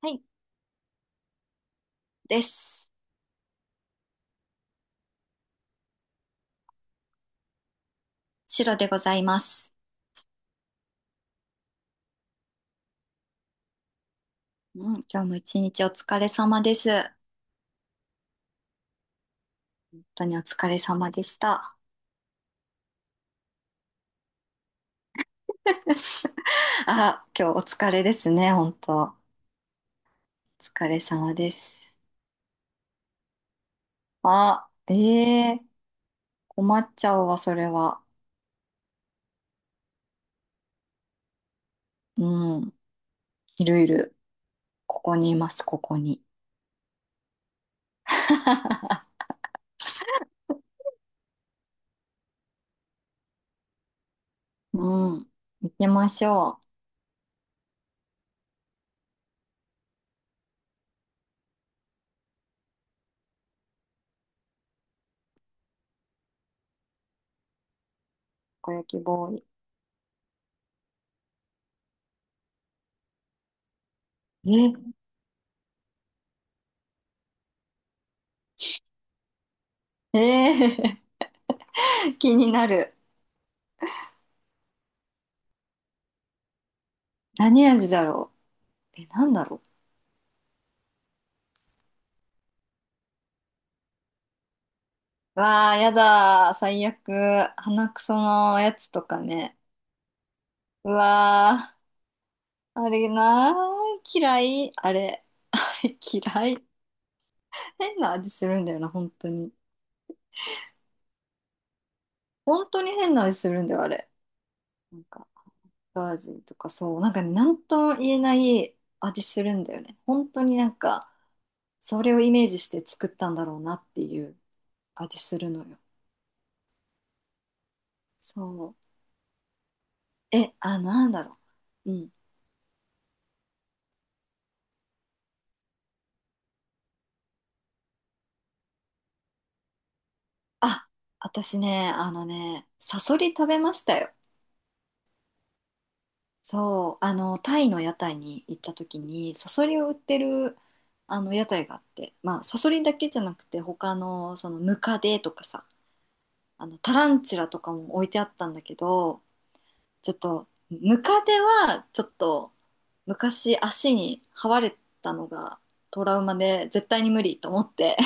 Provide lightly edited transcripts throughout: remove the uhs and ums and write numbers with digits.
はい、です。白でございます。うん、今日も一日お疲れ様です。本当にお疲れ様でした。あ、今日お疲れですね、本当。お疲れ様です。あ、ええー、困っちゃうわ、それは。うん、いるいる。ここにいます、ここに。うん、行きましょう。たこ焼きボーイ。え、えー 気になる。何味だろう。え、なんだろう。わあ、やだー。最悪。鼻くそのやつとかね。うわあ、あれなー。嫌い。あれ。嫌い。変な味するんだよな、本当に。本当に変な味するんだよ、あれ。なんか、バージンとかそう。なんかね、なんとも言えない味するんだよね。本当になんか、それをイメージして作ったんだろうなっていう味するのよ。そう。え、あ、なんだろう。うん。あ、私ね、あのね、サソリ食べましたよ。そう、あの、タイの屋台に行った時に、サソリを売ってる、あの、屋台があって、まあ、サソリだけじゃなくて、他の、その、ムカデとかさ、あの、タランチュラとかも置いてあったんだけど、ちょっと、ムカデは、ちょっと、昔足に這われたのがトラウマで、絶対に無理と思って、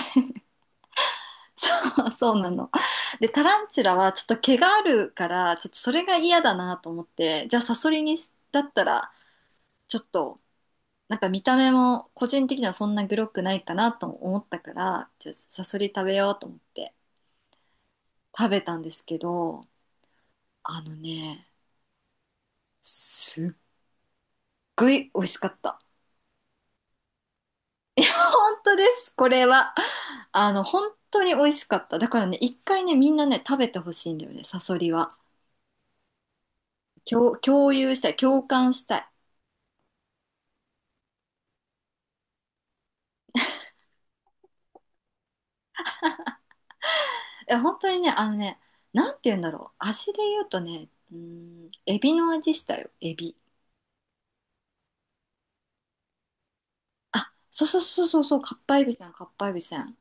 そう、そうなの。で、タランチュラは、ちょっと毛があるから、ちょっとそれが嫌だなと思って、じゃあ、サソリにし、だったら、ちょっと、なんか見た目も個人的にはそんなグロくないかなと思ったから、じゃあサソリ食べようと思って食べたんですけど、あのね、すっごい美味しかった。本当です、これは。あの、本当に美味しかった。だからね、一回ね、みんなね、食べてほしいんだよね、サソリは。共有したい、共感したい。いや、本当にね、あのね、なんて言うんだろう。味で言うとね、うーん、エビの味したよ、エビ。あ、そうそうそうそうそう、かっぱえびせん、かっぱえびせん。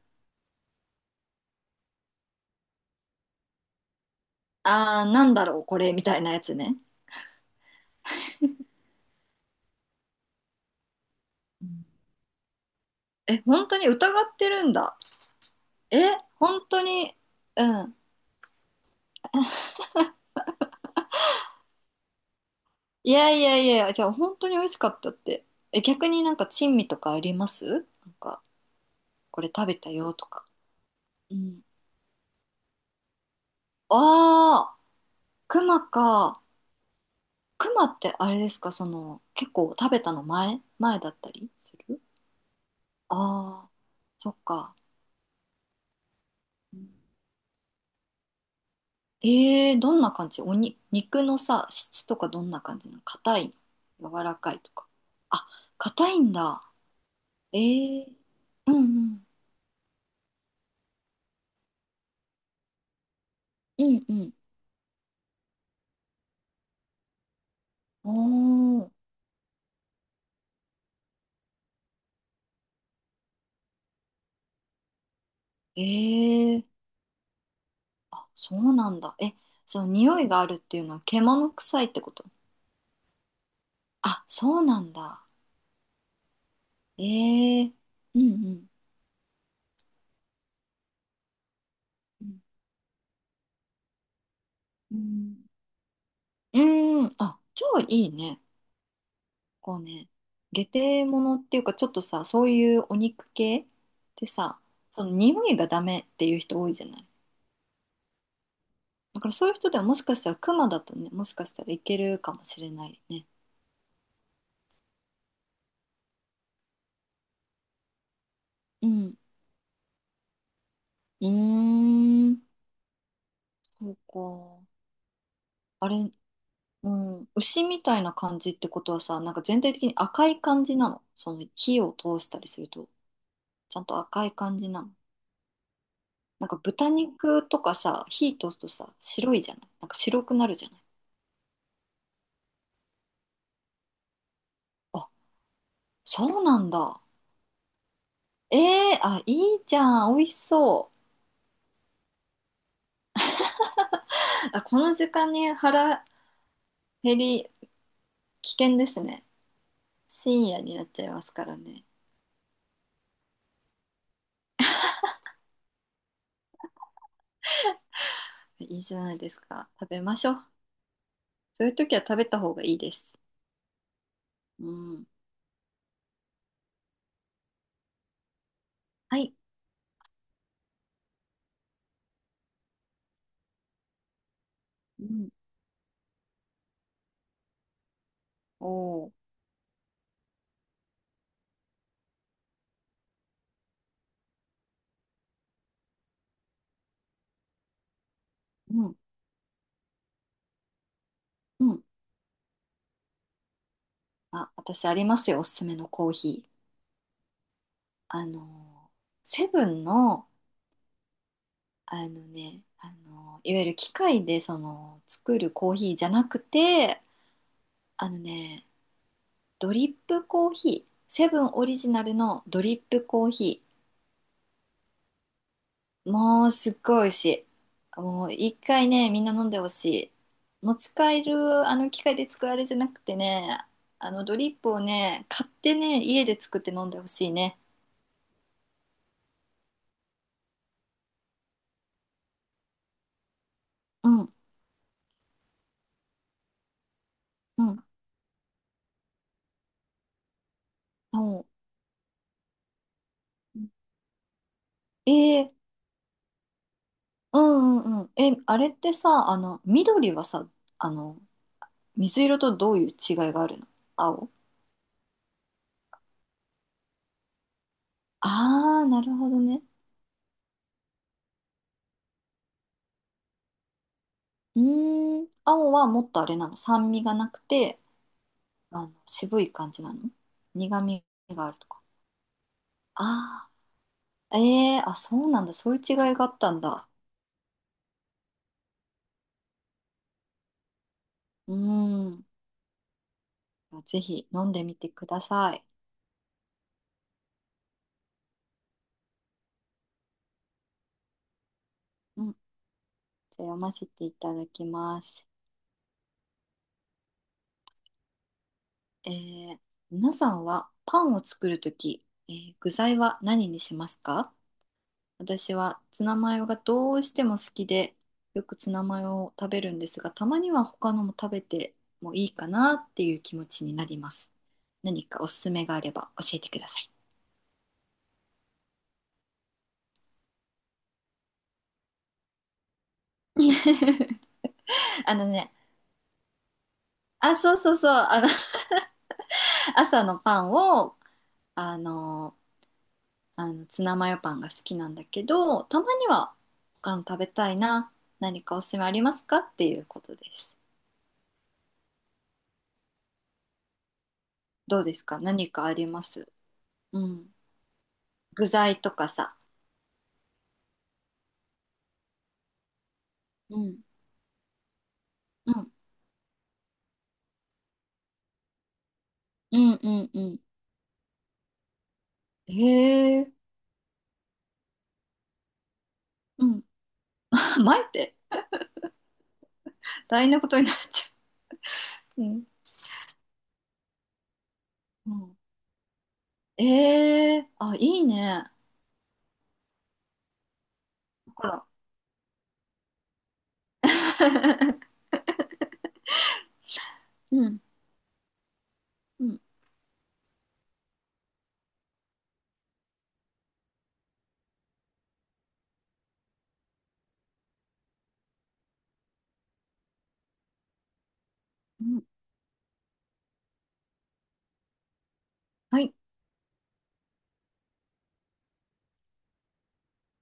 あー、なんだろう、これ、みたいなやつね。うん、え、本当に疑ってるんだ。え、本当に、うん。いやいやいや、じゃあ本当に美味しかったって。え、逆になんか珍味とかありますなんか、これ食べたよとか。うん。ああ、熊か。熊ってあれですか、その、結構食べたの前前だったりする？ああー、そっか。どんな感じ、おに、肉のさ、質とかどんな感じなの？硬いの柔らかいとか。あ、硬いんだ。えー、うんうん。うんうん。おー、えー、あ、そうなんだ。え、その匂いがあるっていうのは獣臭いってこと？あ、そうなんだ。えー、うんうん。うん、うん、あ、超いいね。こうね、下手物っていうか、ちょっとさ、そういうお肉系ってさ、その匂いがダメっていう人多いじゃない。だからそういう人ではもしかしたらクマだとね、もしかしたらいけるかもしれないね。うん。うーん。そうか。あれ、うん。牛みたいな感じってことはさ、なんか全体的に赤い感じなの。その火を通したりすると、ちゃんと赤い感じなの。なんか豚肉とかさ、火通すとさ、白いじゃない。なんか白くなるじゃない。あ、そうなんだ。ええ、あ、いいじゃん。美味しそう。あ、この時間に腹減り危険ですね。深夜になっちゃいますからね。いいじゃないですか。食べましょう。そういう時は食べた方がいいです。うん。はい。うん。おー。うん。うん。あ、私ありますよ。おすすめのコーヒー。セブンの、あのね、いわゆる機械でその作るコーヒーじゃなくて、あのね、ドリップコーヒー、セブンオリジナルのドリップコーヒー。もうすっごい美味しい。もう一回ね、みんな飲んでほしい。持ち帰るあの機械で作られじゃなくてね、あのドリップをね、買ってね、家で作って飲んでほしいね。うん、うん、もう。えー、うんうんうん。え、あれってさ、あの、緑はさ、あの、水色とどういう違いがあるの？青？ああー、なるほどね。うーん、青はもっとあれなの、酸味がなくて、あの、渋い感じなの？苦味があるとか？ああ、ええー、あ、そうなんだ。そういう違いがあったんだ。うーん。ぜひ飲んでみてください。うん。じゃあ読ませていただきます。えー、皆さんはパンを作るとき、具材は何にしますか？私はツナマヨがどうしても好きで、よくツナマヨを食べるんですが、たまには他のも食べてもいいかなっていう気持ちになります。何かおすすめがあれば教えてください。あのね、あ、そうそうそう、あの、朝のパンを、あの、あのツナマヨパンが好きなんだけど、たまには他の食べたいな、何かおすすめありますかっていうことです。どうですか？何かあります？うん。具材とかさ。うん。うんうんうんうん。へえ。うん。前って大変なことになっちゃう。うん。うん。ええ、あ、いいね。ほら。うん。うん。うん。はい。